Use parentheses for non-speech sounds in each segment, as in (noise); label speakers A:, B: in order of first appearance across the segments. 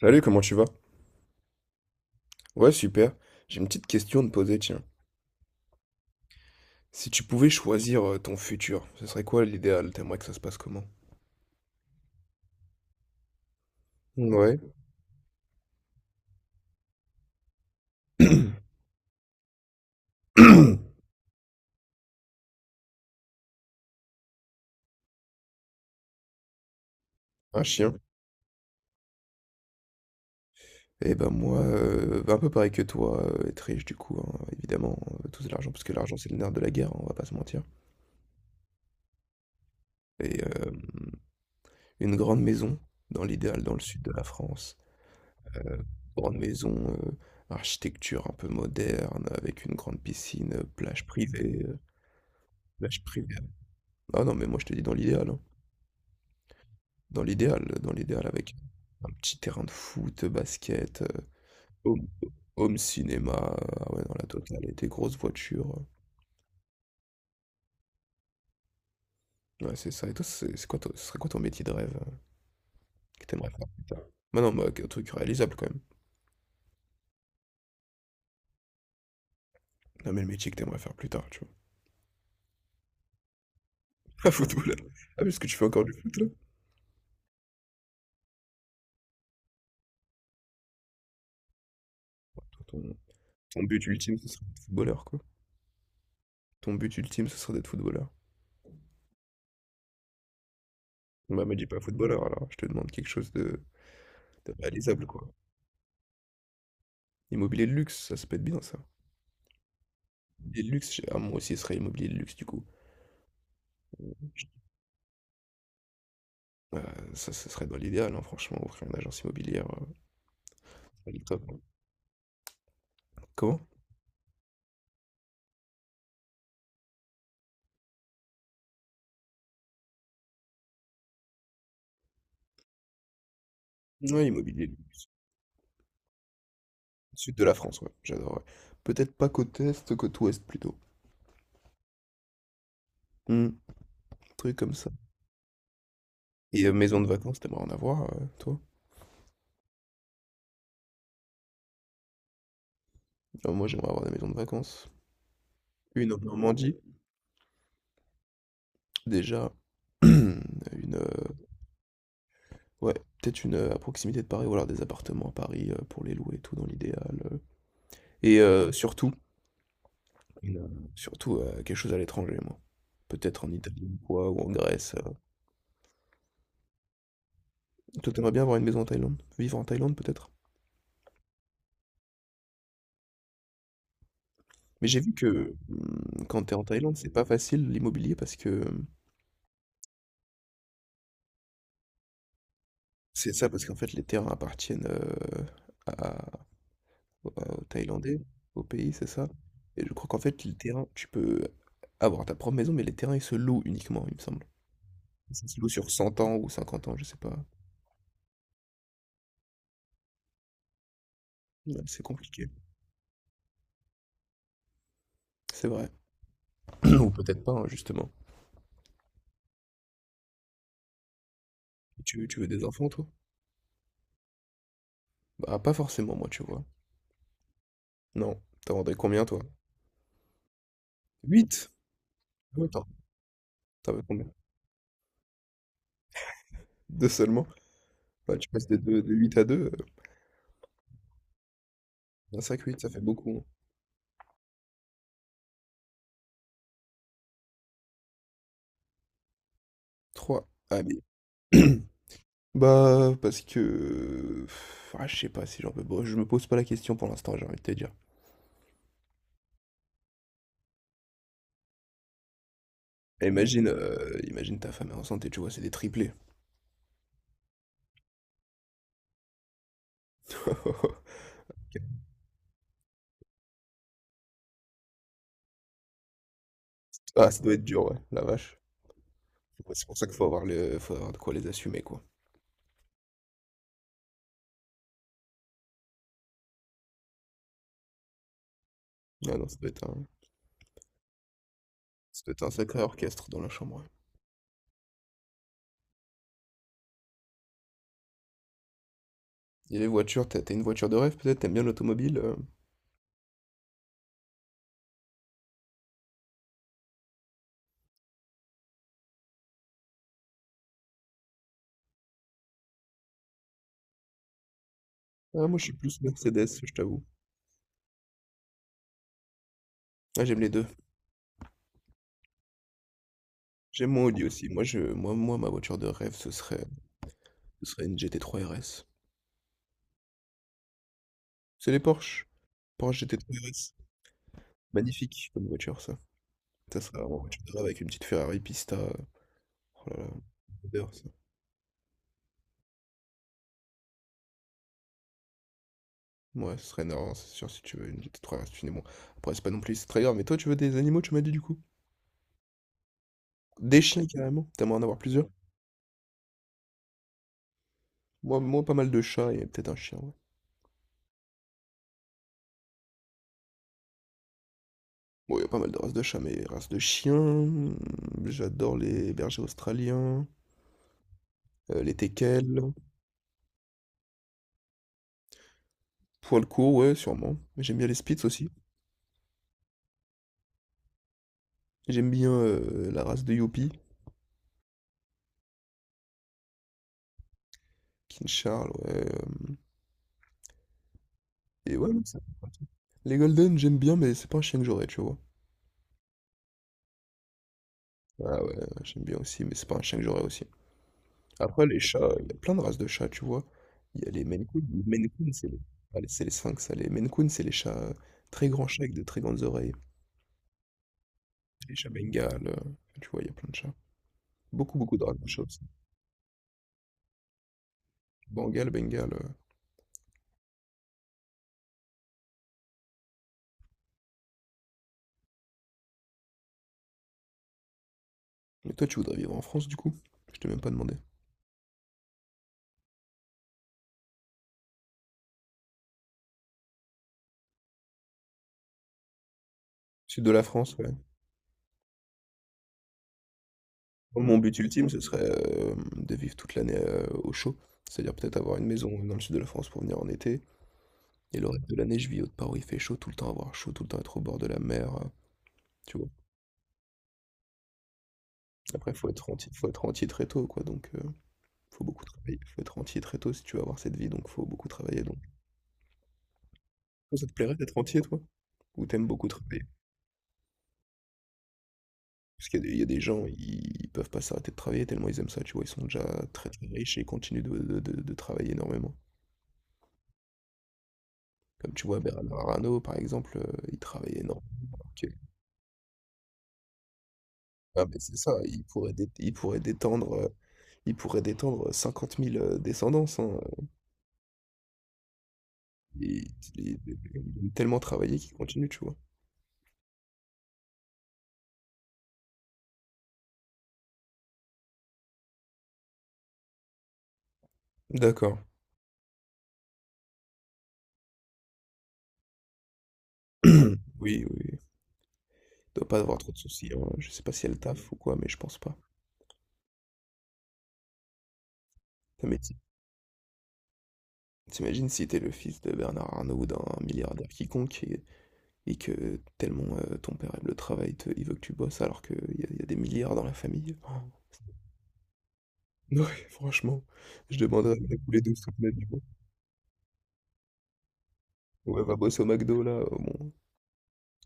A: Salut, comment tu vas? Ouais, super. J'ai une petite question à te poser, tiens. Si tu pouvais choisir ton futur, ce serait quoi l'idéal? T'aimerais que ça se passe comment? Ouais. (clears throat) Un chien. Eh ben moi, bah, un peu pareil que toi, être riche du coup, hein, évidemment, tout de l'argent, parce que l'argent c'est le nerf de la guerre, hein, on va pas se mentir. Et une grande maison, dans l'idéal, dans le sud de la France. Euh, grande maison, architecture un peu moderne, avec une grande piscine, plage privée. Plage privée. Ah non, mais moi je te dis dans l'idéal, hein. Dans l'idéal avec un petit terrain de foot, basket, home home cinéma, ah ouais, dans la totale et des grosses voitures, Ouais, c'est ça et toi, c'est quoi ton ce serait quoi ton métier de rêve, que t'aimerais faire plus tard? Bah, non, bah, un truc réalisable quand même. Non, mais le métier que t'aimerais faire plus tard, tu vois? (laughs) Un footballeur. Ah, parce que tu fais encore du foot là? Toi, ton but ultime, ce serait d'être footballeur, quoi. Ton but ultime, ce serait d'être footballeur? Bah, me dis pas footballeur alors, je te demande quelque chose de réalisable, quoi. Immobilier de luxe, ça peut être bien ça. Et le luxe, ah, moi aussi, ce serait immobilier de luxe, du coup. Heu, ça, ce serait dans l'idéal, hein, franchement, ouvrir une agence immobilière, ce le top, hein. Comment? Ouais, immobilier de luxe. Sud de la France, ouais, j'adorerais. Peut-être pas côte est, côte ouest, plutôt. Mmh, truc comme ça. Et maison de vacances, t'aimerais en avoir, toi? Ah, moi, j'aimerais avoir des maisons de vacances. Une en Normandie, déjà. (clears throat) Une, ouais, peut-être une, à proximité de Paris ou alors des appartements à Paris, pour les louer et tout, dans l'idéal, et surtout. Et, surtout quelque chose à l'étranger, moi. Peut-être en Italie ou quoi, ou en Grèce. Toi, t'aimerais bien avoir une maison en Thaïlande? Vivre en Thaïlande, peut-être? Mais j'ai vu que quand t'es en Thaïlande, c'est pas facile l'immobilier parce que c'est ça, parce qu'en fait, les terrains appartiennent à- aux Thaïlandais, au pays, c'est ça? Et je crois qu'en fait, les terrains, tu peux avoir ta propre maison, mais les terrains, ils se louent uniquement, il me semble. Ça se loue sur 100 ans ou 50 ans, je sais pas. Ouais, c'est compliqué. C'est vrai. (clears throat) Ou peut-être pas, hein, justement. Tu veux des enfants, toi? Bah, pas forcément, moi, tu vois. Non. T'en vendrais combien, toi? Huit. Attends, t'en veux combien? Deux seulement? Bah, tu passes de, 2 de 8 à deux un sac 8, ça fait beaucoup, hein. Trois. Ah, mais... (clears throat) Bah, parce que... Ah, je sais pas si j'en peux... Bon, je me pose pas la question pour l'instant, j'ai envie de te dire. Imagine ta femme est enceinte et tu vois, c'est des triplés. (laughs) Ah, ça doit être dur, ouais, la vache. Ouais, c'est pour ça qu'il faut avoir de quoi les assumer, quoi. Ah non, ça doit être un sacré orchestre dans la chambre, ouais. Et les voitures, t'as une voiture de rêve peut-être? T'aimes bien l'automobile? Ah, moi je suis plus Mercedes, je t'avoue. Ah, j'aime les deux. J'aime mon Audi aussi. Moi, je, moi, moi, ma voiture de rêve, ce serait une GT3 RS. C'est les Porsche. Porsche GT3 RS. Magnifique comme voiture, ça. Ça serait vraiment une voiture de rêve avec une petite Ferrari Pista. Oh là là, j'adore ça. Ouais, ce serait énorme, c'est sûr, si tu veux une GT3 RS, bon. Après, c'est pas non plus c'est très grave, mais toi, tu veux des animaux, tu m'as dit du coup? Des chiens carrément? T'aimerais en avoir plusieurs? Moi, pas mal de chats et peut-être un chien. Bon, il y a pas mal de races de chats, mais races de chiens, j'adore les bergers australiens, les teckels, poil court ouais, sûrement. J'aime bien les spitz aussi. J'aime bien, la race de Yoppie, King Charles, ouais, hem et ouais, non, ça fait partie. Les golden, j'aime bien, mais c'est pas un chien que j'aurais, tu vois? Ah ouais, j'aime bien aussi, mais c'est pas un chien que j'aurais aussi. Après les chats, il y a plein de races de chats, tu vois? Il y a les Maine Coon, c'est les sphinx, ça. Les Maine Coon, c'est les chats, très grands chats avec de très grandes oreilles. Les chats bengales, enfin, tu vois, il y a plein de chats. Beaucoup, beaucoup de races de chats aussi. Bengale, Bengale. Mais toi, tu voudrais vivre en France, du coup? Je t'ai même pas demandé. Sud de la France, ouais. Moi, mon but ultime, ce serait de vivre toute l'année au chaud. C'est-à-dire peut-être avoir une maison dans le sud de la France pour venir en été. Et le reste de l'année, je vis au part où il fait chaud, tout le temps avoir chaud, tout le temps être au bord de la mer, tu vois. Après, faut être rentier très tôt, quoi. Donc, faut beaucoup travailler. Faut être rentier très tôt si tu veux avoir cette vie, donc faut beaucoup travailler. Toi, ça te plairait d'être rentier, toi? Ou t'aimes beaucoup travailler? Parce qu'il y a des gens, ils peuvent pas s'arrêter de travailler tellement ils aiment ça, tu vois? Ils sont déjà très, très riches et ils continuent de travailler énormément. Comme tu vois Bernard Arnault par exemple, il travaille énormément. OK. Ah mais c'est ça, il pourrait détendre, 50 000 descendances, hein, il il aime tellement travailler qu'il continue, tu vois? D'accord. (clears throat) Oui, oui, oui. Doit pas avoir trop de soucis, hein. Je sais pas si elle taffe ou quoi, mais je pense pas. Putain mais ti tu si t'es le fils de Bernard Arnault ou d'un milliardaire quiconque et que tellement ton père aime le travail, il veut que tu bosses alors qu'il y, a il y a des milliards dans la famille. Oh. (laughs) Ouais, franchement, je demanderais à tous les deux toute ma vie, moi. Ouais, va bosser au McDo là, bon,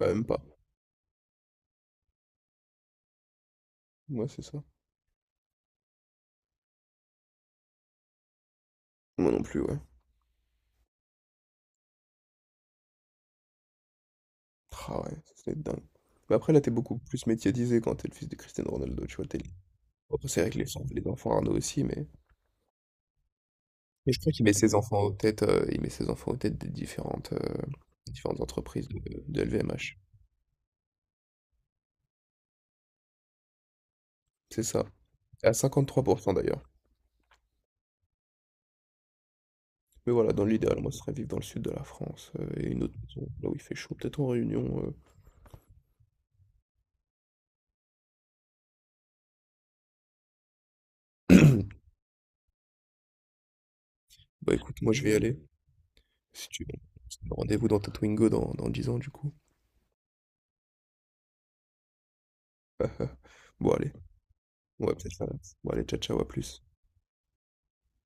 A: bah, même pas. Moi, c'est ça. Moi non plus, ouais. Ah ouais, ça c'est dingue. Mais après, là, t'es beaucoup plus médiatisé quand t'es le fils de Cristiano Ronaldo, tu vois. Après, c'est vrai que les enfants Arnaud aussi, mais. Mais je crois qu'il met ses enfants aux têtes, il met ses enfants aux têtes des différentes, entreprises de LVMH. C'est ça. À 53% d'ailleurs. Mais voilà, dans l'idéal, moi, ce serait vivre dans le sud de la France et une autre maison, là où il fait chaud, peut-être en Réunion. euh. (clears throat) Bah écoute, moi, je vais y aller. Si tu veux. Rendez-vous dans Tatwingo dans 10 ans, du coup. Ah, bon, allez. Ouais, peut-être ça. Bon, allez, ciao, ciao, à plus.